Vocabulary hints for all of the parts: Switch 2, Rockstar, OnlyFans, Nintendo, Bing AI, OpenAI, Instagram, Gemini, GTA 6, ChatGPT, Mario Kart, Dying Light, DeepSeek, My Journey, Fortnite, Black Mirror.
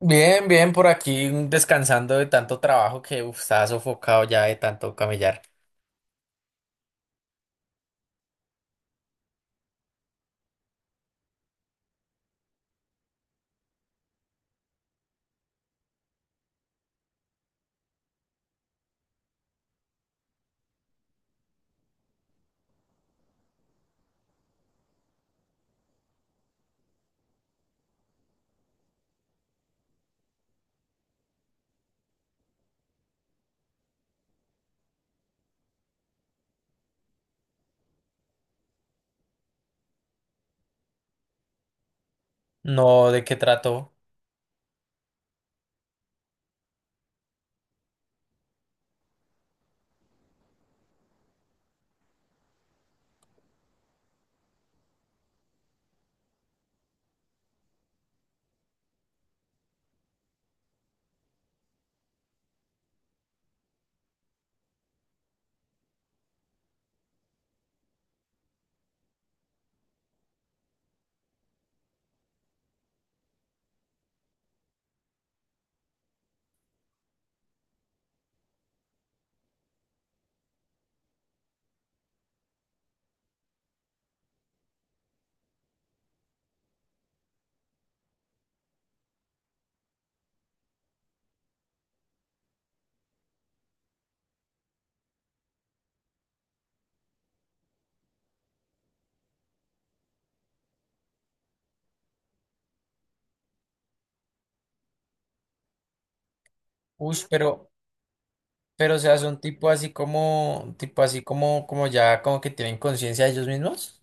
Bien, bien, por aquí descansando de tanto trabajo que uf, estaba sofocado ya de tanto camellar. No, ¿de qué trato? Uy, pero o sea, son tipo así como, como ya como que tienen conciencia de ellos mismos.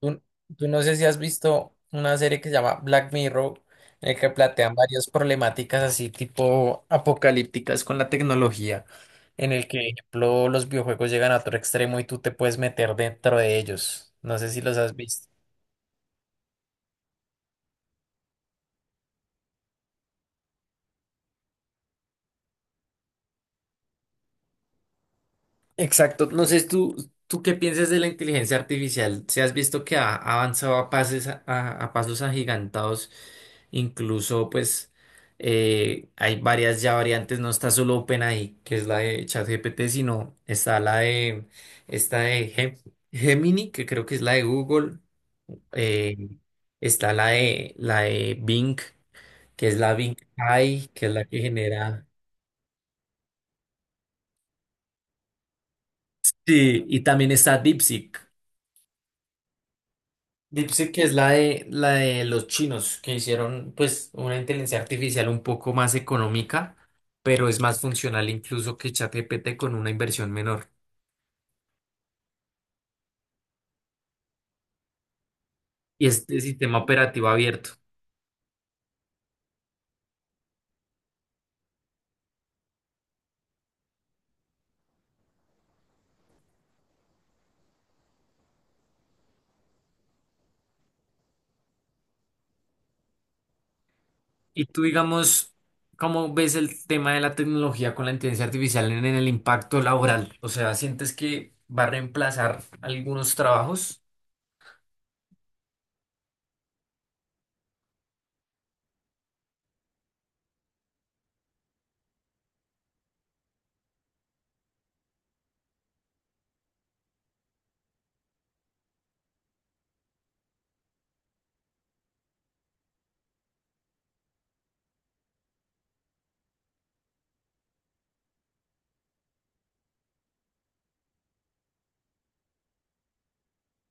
Tú, tú no sé si has visto una serie que se llama Black Mirror, en el que plantean varias problemáticas así tipo apocalípticas con la tecnología, en el que, por ejemplo, los videojuegos llegan a otro extremo y tú te puedes meter dentro de ellos. No sé si los has visto. Exacto. No sé, tú qué piensas de la inteligencia artificial. Si has visto que ha avanzado a pases, a pasos agigantados, incluso pues hay varias ya variantes. No está solo OpenAI, que es la de ChatGPT, sino está la de esta de Gemini, que creo que es la de Google. eh, Está la de Bing, que es la Bing AI, que es la que genera. Sí, y también está DeepSeek. DeepSeek que es la de los chinos que hicieron pues una inteligencia artificial un poco más económica, pero es más funcional incluso que ChatGPT con una inversión menor. Y es de sistema operativo abierto. Y tú digamos, ¿cómo ves el tema de la tecnología con la inteligencia artificial en el impacto laboral? O sea, ¿sientes que va a reemplazar algunos trabajos?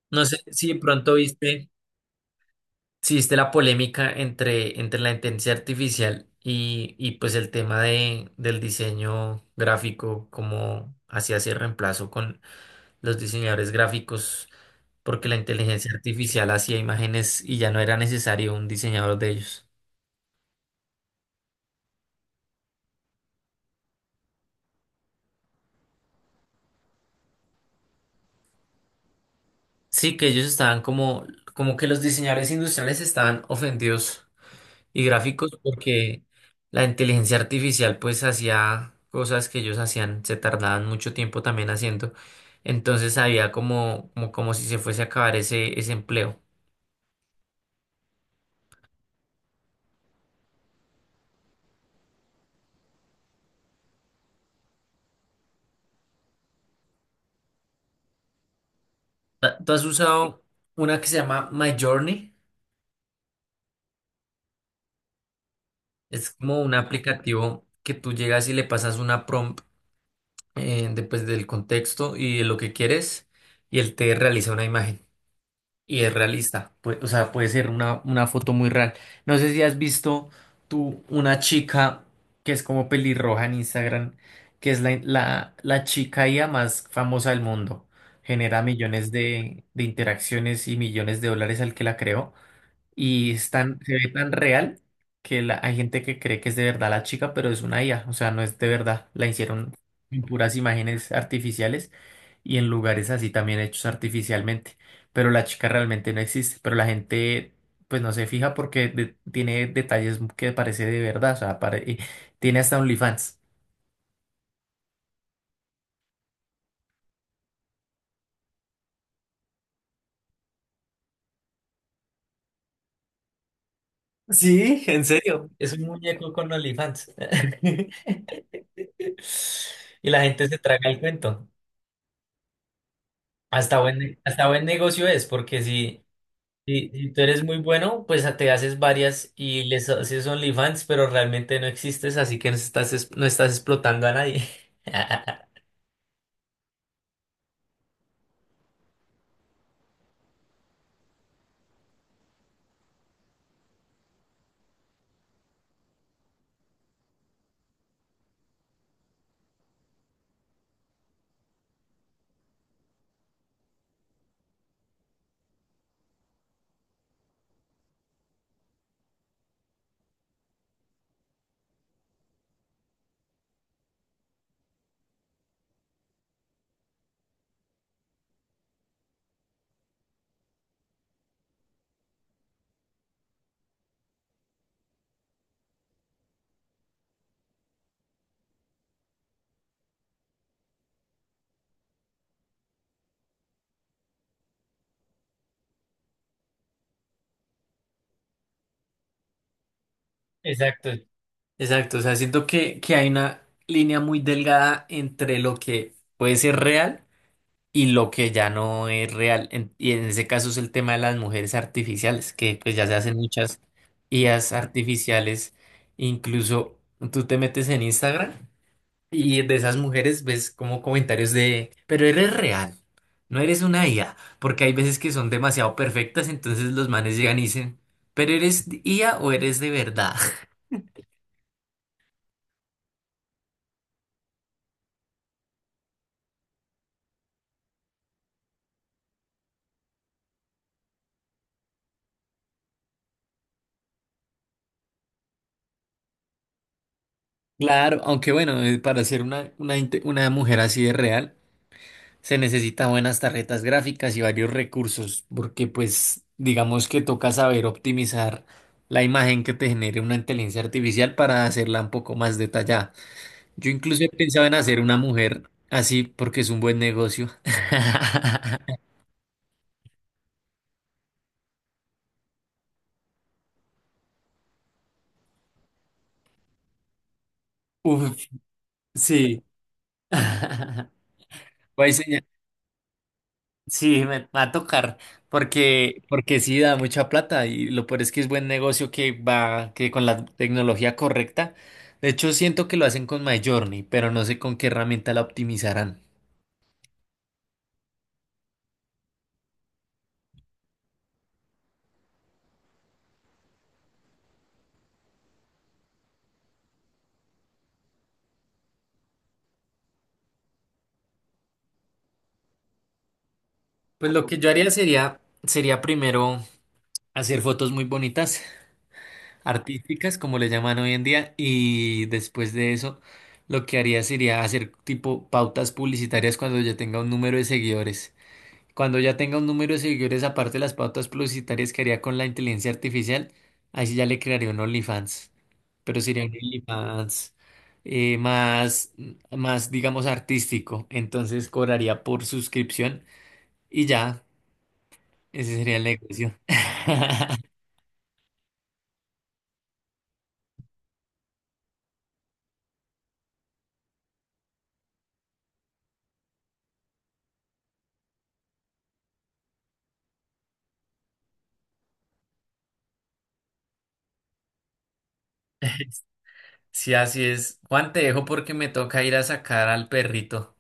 No sé si de pronto viste. Existe la polémica entre, entre la inteligencia artificial y pues el tema de, del diseño gráfico, como hacía ese reemplazo con los diseñadores gráficos, porque la inteligencia artificial hacía imágenes y ya no era necesario un diseñador de ellos. Sí, que ellos estaban como, como que los diseñadores industriales estaban ofendidos y gráficos porque la inteligencia artificial pues hacía cosas que ellos hacían, se tardaban mucho tiempo también haciendo. Entonces había como, como, como si se fuese a acabar ese, ese empleo. ¿Tú has usado una que se llama My Journey? Es como un aplicativo que tú llegas y le pasas una prompt después del contexto y de lo que quieres y él te realiza una imagen. Y es realista, pues, o sea, puede ser una foto muy real. No sé si has visto tú una chica que es como pelirroja en Instagram, que es la, la, la chica IA más famosa del mundo. Genera millones de interacciones y millones de dólares al que la creó. Y es se ve tan real que hay gente que cree que es de verdad la chica, pero es una IA, o sea, no es de verdad. La hicieron en puras imágenes artificiales y en lugares así también hechos artificialmente. Pero la chica realmente no existe, pero la gente pues no se fija porque tiene detalles que parece de verdad, o sea, y tiene hasta OnlyFans. Sí, en serio, es un muñeco con OnlyFans. Y la gente se traga el cuento. Hasta buen negocio es, porque si, si, si tú eres muy bueno, pues te haces varias y les haces OnlyFans, pero realmente no existes, así que no estás, no estás explotando a nadie. Exacto. Exacto, o sea, siento que hay una línea muy delgada entre lo que puede ser real y lo que ya no es real. Y en ese caso es el tema de las mujeres artificiales, que pues ya se hacen muchas IAs artificiales. Incluso tú te metes en Instagram. Y de esas mujeres ves como comentarios de, pero eres real, no eres una IA, porque hay veces que son demasiado perfectas, entonces los manes llegan y dicen, pero eres IA o eres de verdad. Claro, aunque bueno, para ser una, una mujer así de real, se necesitan buenas tarjetas gráficas y varios recursos, porque pues digamos que toca saber optimizar la imagen que te genere una inteligencia artificial para hacerla un poco más detallada. Yo incluso he pensado en hacer una mujer así porque es un buen negocio. Uf, sí. Voy a diseñar- Sí, me va a tocar porque, porque sí da mucha plata y lo peor es que es buen negocio que va que con la tecnología correcta. De hecho, siento que lo hacen con MyJourney, pero no sé con qué herramienta la optimizarán. Pues lo que yo haría sería, sería primero hacer fotos muy bonitas artísticas, como le llaman hoy en día, y después de eso, lo que haría sería hacer tipo pautas publicitarias cuando ya tenga un número de seguidores. Cuando ya tenga un número de seguidores, aparte de las pautas publicitarias que haría con la inteligencia artificial, ahí sí ya le crearía un OnlyFans. Pero sería un OnlyFans más, más, digamos, artístico. Entonces cobraría por suscripción y ya, ese sería el negocio. Sí, así es. Juan, te dejo porque me toca ir a sacar al perrito.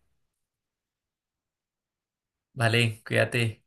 Vale, cuídate.